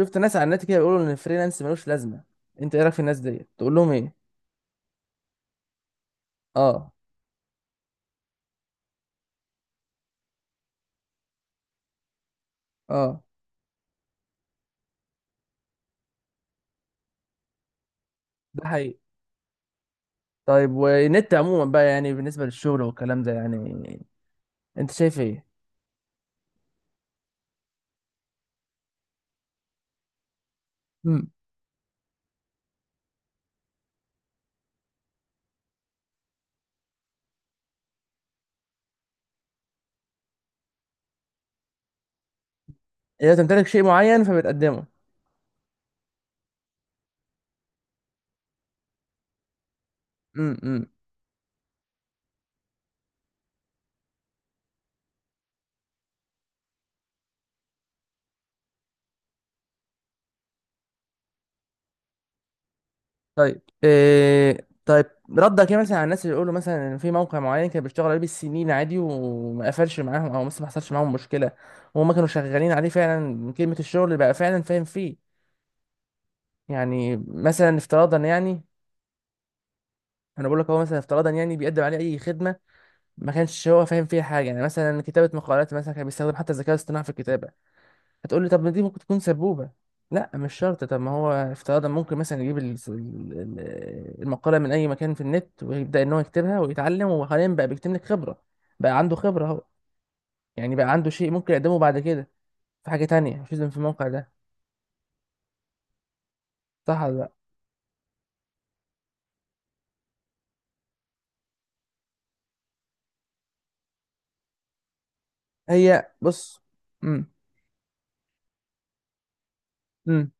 شفت ناس على النت كده بيقولوا ان الفريلانس ملوش لازمه. انت ايه رايك في الناس دي، تقول لهم ايه؟ اه، اه، ده حقيقي. طيب، والنت عموما بقى يعني بالنسبه للشغل والكلام ده، يعني انت شايف ايه؟ امم اذا تمتلك شيء معين فبتقدمه. امم طيب، إيه؟ طيب، ردك ايه مثلا على الناس اللي يقولوا مثلا ان في موقع معين كان بيشتغل عليه بالسنين عادي وما قفلش معاهم، او مثلا ما حصلش معاهم مشكله وهم كانوا شغالين عليه فعلا من كلمه الشغل اللي بقى فعلا فاهم فيه، يعني مثلا افتراضا يعني. انا بقول لك، هو مثلا افتراضا يعني بيقدم عليه اي خدمه ما كانش هو فاهم فيها حاجه، يعني مثلا كتابه مقالات مثلا، كان بيستخدم حتى الذكاء الاصطناعي في الكتابه. هتقول لي طب ما دي ممكن تكون سبوبه. لا، مش شرط. طب ما هو افتراضا ممكن مثلا يجيب المقاله من اي مكان في النت ويبدا ان هو يكتبها ويتعلم، وحاليا بقى بيكتب لك خبره، بقى عنده خبره اهو، يعني بقى عنده شيء ممكن يقدمه بعد كده في حاجه تانية، مش لازم في الموقع ده، صح ولا لا؟ هي بص. امم امم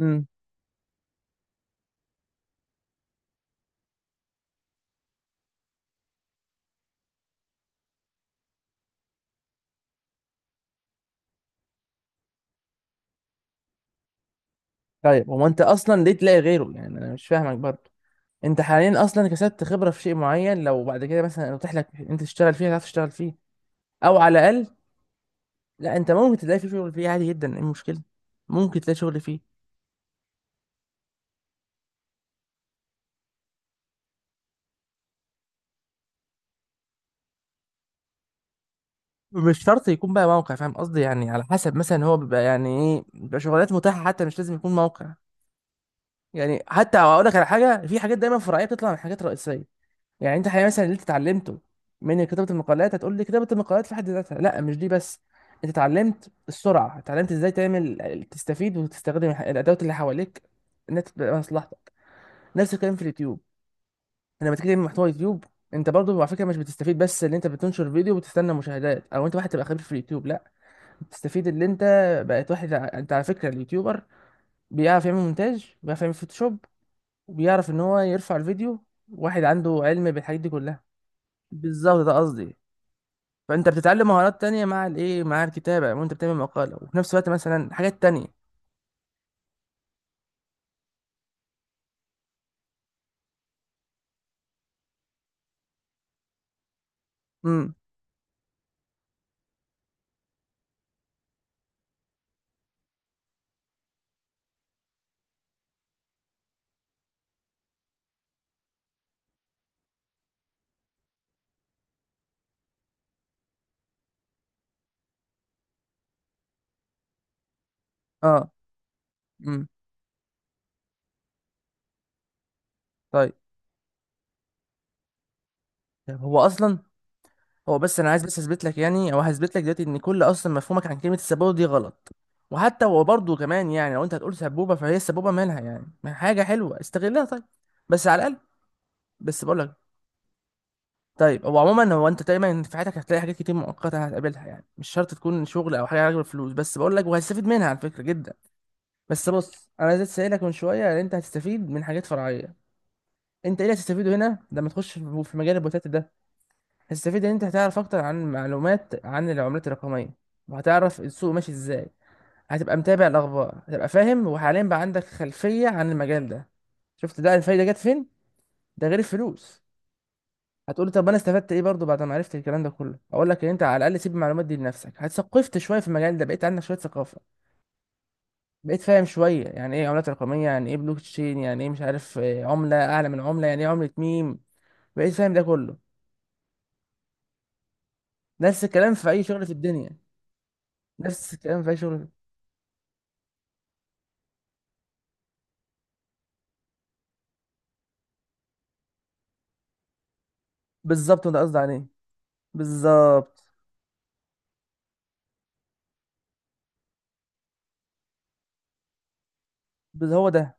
امم طيب، هو انت اصلا ليه تلاقي غيره يعني؟ انا مش فاهمك برضه. انت حاليا اصلا كسبت خبره في شيء معين، لو بعد كده مثلا اتيح لك انت تشتغل فيه هتعرف تشتغل فيه، او على الاقل. لا، انت ممكن تلاقي فيه شغل فيه عادي جدا، ايه المشكله؟ ممكن تلاقي شغل فيه. مش شرط يكون بقى موقع، فاهم قصدي يعني؟ على حسب مثلا هو بيبقى يعني ايه، بيبقى شغلانات متاحه، حتى مش لازم يكون موقع يعني. حتى اقول لك على حاجه، في حاجات دايما فرعيه بتطلع من حاجات رئيسيه. يعني انت حقيقة مثلا اللي انت اتعلمته من كتابة المقالات، هتقول لي كتابة المقالات في حد ذاتها؟ لا، مش دي بس. انت اتعلمت السرعة، اتعلمت ازاي تعمل تستفيد وتستخدم الادوات اللي حواليك انها تبقى مصلحتك. نفس الكلام في اليوتيوب. لما تيجي تعمل محتوى يوتيوب، انت برضو على فكرة مش بتستفيد بس ان انت بتنشر فيديو وبتستنى مشاهدات، او انت واحد تبقى خبير في اليوتيوب، لا، بتستفيد ان انت بقيت واحد انت على فكرة اليوتيوبر بيعرف يعمل مونتاج، بيعرف يعمل فوتوشوب، وبيعرف ان هو يرفع الفيديو. واحد عنده علم بالحاجات دي كلها. بالظبط، ده قصدي. فانت بتتعلم مهارات تانية مع الايه، مع الكتابة وانت بتعمل مقالة، وفي نفس الوقت مثلا حاجات تانية. امم اه، امم طيب طيب، هو اصلا، هو بس انا عايز بس اثبت لك يعني، او هثبت لك دلوقتي ان كل اصلا مفهومك عن كلمة السبوبة دي غلط. وحتى هو برضه كمان يعني، لو انت هتقول سبوبة فهي السبوبة مالها يعني؟ ما حاجة حلوة استغلها. طيب، بس على الاقل، بس بقول لك. طيب، هو عموما هو انت دايما في حياتك هتلاقي حاجات كتير مؤقتة هتقابلها، يعني مش شرط تكون شغل او حاجة علاقة بالفلوس، بس بقول لك وهتستفيد منها على فكرة جدا. بس بص، انا عايز اسالك من شويه ان انت هتستفيد من حاجات فرعيه، انت ايه اللي هتستفيده هنا لما تخش في مجال البوتات ده؟ هتستفيد ان انت هتعرف اكتر عن معلومات عن العملات الرقميه، وهتعرف السوق ماشي ازاي، هتبقى متابع الاخبار، هتبقى فاهم، وحاليا بقى عندك خلفيه عن المجال ده. شفت، ده الفايده جت فين، ده غير الفلوس. هتقولي طب انا استفدت ايه برضو بعد ما عرفت الكلام ده كله؟ اقول لك ان انت على الاقل سيب المعلومات دي لنفسك، هتثقفت شويه في المجال ده، بقيت عندك شويه ثقافه، بقيت فاهم شويه يعني ايه عملات رقميه، يعني ايه بلوك تشين، يعني ايه مش عارف عمله اعلى من عمله، يعني ايه عمله ميم. بقيت فاهم ده كله. نفس الكلام في اي شغل في الدنيا، نفس الكلام في اي شغل. بالظبط، ده قصدي عليه. بالظبط. هو ده.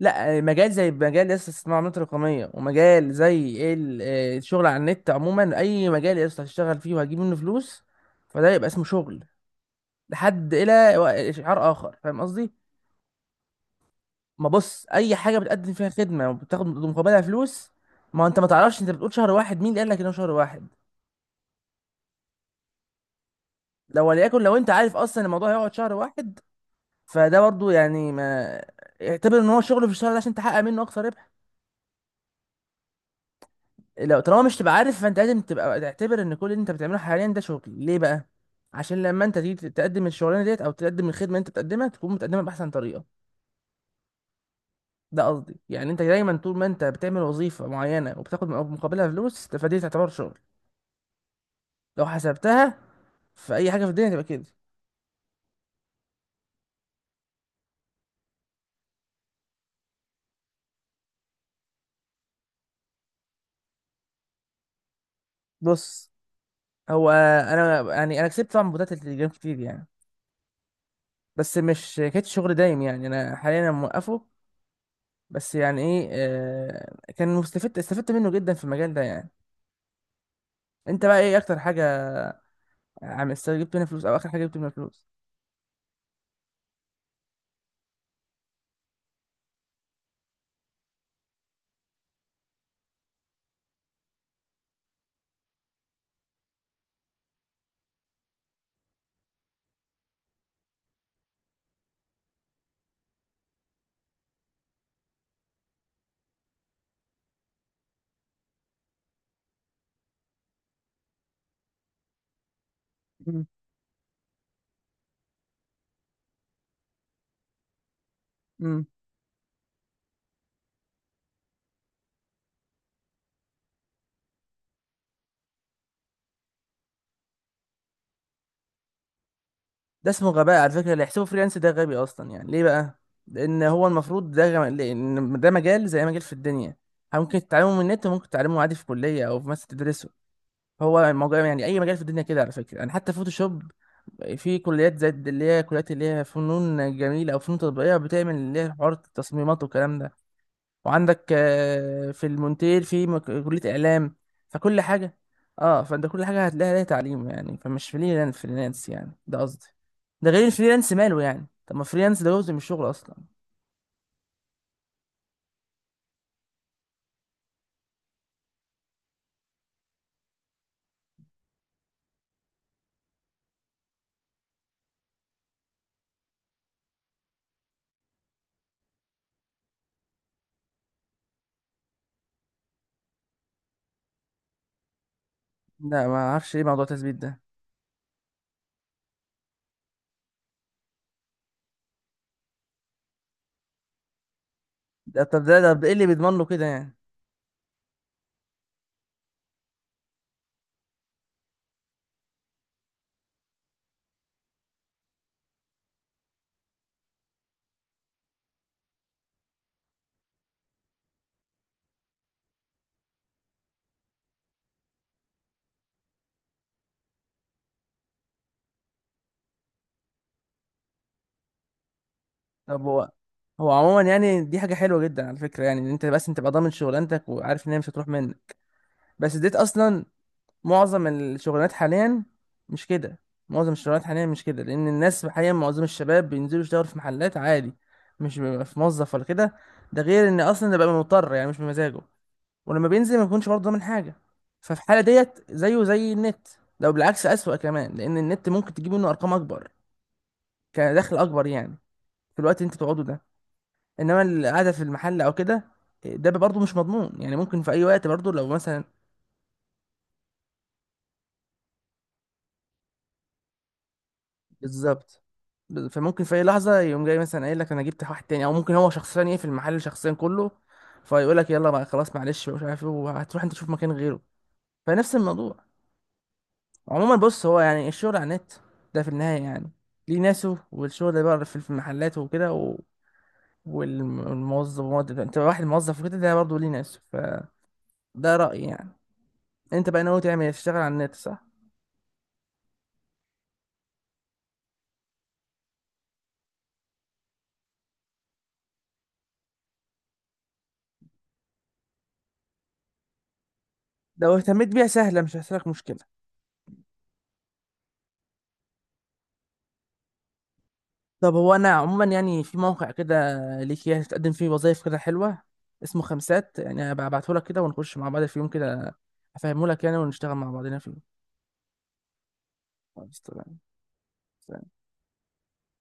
لا، مجال زي مجال لسه اسمه عملات رقميه، ومجال زي ايه، الشغل على النت عموما، اي مجال لسه هتشتغل فيه وهتجيب منه فلوس فده يبقى اسمه شغل لحد الى شعار اخر، فاهم قصدي؟ ما بص، اي حاجه بتقدم فيها خدمه وبتاخد مقابلها فلوس. ما انت ما تعرفش، انت بتقول شهر واحد، مين اللي قال لك انه شهر واحد؟ لو وليكن لو انت عارف اصلا إن الموضوع هيقعد شهر واحد، فده برضو يعني، ما اعتبر ان هو شغل في الشهر ده عشان تحقق منه اقصى ربح. لو طالما مش تبقى عارف فانت لازم تبقى تعتبر ان كل اللي انت بتعمله حاليا ده شغل. ليه بقى؟ عشان لما انت تيجي تقدم الشغلانه ديت او تقدم الخدمه اللي انت بتقدمها تكون بتقدمها باحسن طريقه. ده قصدي يعني. انت دايما طول ما انت بتعمل وظيفه معينه وبتاخد مقابلها فلوس فدي تعتبر شغل، لو حسبتها في اي حاجه في الدنيا تبقى كده. بص، هو انا يعني انا كسبت طبعا بطولات التليجرام كتير يعني، بس مش كانت شغل دايم يعني، انا حاليا أنا موقفه. بس يعني ايه، آه، كان مستفدت، استفدت منه جدا في المجال ده يعني. انت بقى ايه اكتر حاجه جبت منها فلوس، او اخر حاجه جبت منها فلوس؟ مم. امم ده اسمه غباء على فكره، اللي يحسبه فريلانس ده غبي اصلا. يعني ليه بقى؟ لان هو المفروض ده لأن ده مجال زي أي مجال في الدنيا، ممكن تتعلمه من النت وممكن تتعلمه عادي في كليه، او في مثلا تدرسه. هو الموضوع يعني اي مجال في الدنيا كده على فكره يعني، حتى فوتوشوب. في كليات زي اللي هي كليات اللي هي فنون جميله او فنون تطبيقيه بتعمل اللي هي حوار التصميمات والكلام ده. وعندك في المونتير في كليه اعلام، فكل حاجه، اه فانت كل حاجه هتلاقيها ليها تعليم يعني، فمش فريلانس فريلانس يعني، ده قصدي. ده غير الفريلانس ماله يعني، طب ما فريلانس ده جزء من الشغل اصلا. لا ما اعرفش ايه موضوع التثبيت ده. ده طب ده ده ايه اللي بيضمن له كده يعني؟ طب هو، عموما يعني دي حاجة حلوة جدا على فكرة يعني، ان انت بس انت تبقى ضامن شغلانتك وعارف ان هي مش هتروح منك. بس ديت اصلا معظم الشغلانات حاليا مش كده معظم الشغلانات حاليا مش كده، لان الناس حاليا معظم الشباب بينزلوا يشتغلوا في محلات عادي، مش بيبقى في موظف ولا كده. ده غير ان اصلا ده بقى مضطر يعني مش بمزاجه، ولما بينزل ما بيكونش برضه ضامن حاجة، ففي الحالة ديت زيه زي النت، لو بالعكس أسوأ كمان لان النت ممكن تجيب منه ارقام اكبر، كدخل اكبر يعني، في الوقت اللي انت تقعده ده. انما القعده في المحل او كده ده برضه مش مضمون يعني، ممكن في اي وقت برضه لو مثلا. بالظبط، فممكن في اي لحظه يقوم جاي مثلا قايل لك انا جبت واحد تاني، او ممكن هو شخصيا ايه في المحل شخصيا كله، فيقول لك يلا بقى خلاص معلش مش عارف ايه، وهتروح انت تشوف مكان غيره، فنفس الموضوع. عموما بص، هو يعني الشغل على النت ده في النهايه يعني ليه ناسه، والشغل اللي بره في المحلات وكده والموظف انت واحد موظف وكده ده برضه ليه ناسه، فده رأيي يعني. انت بقى ناوي تعمل إيه؟ تشتغل على النت، صح؟ لو اهتميت بيها سهلة، مش هتحصلك مشكلة. طب هو أنا عموما يعني في موقع كده ليك، يعني تقدم فيه وظايف كده حلوة، اسمه خمسات، يعني هبعتهولك كده ونخش مع بعض في يوم كده، أفهمهولك يعني ونشتغل مع بعضنا فيه. خلاص، تمام.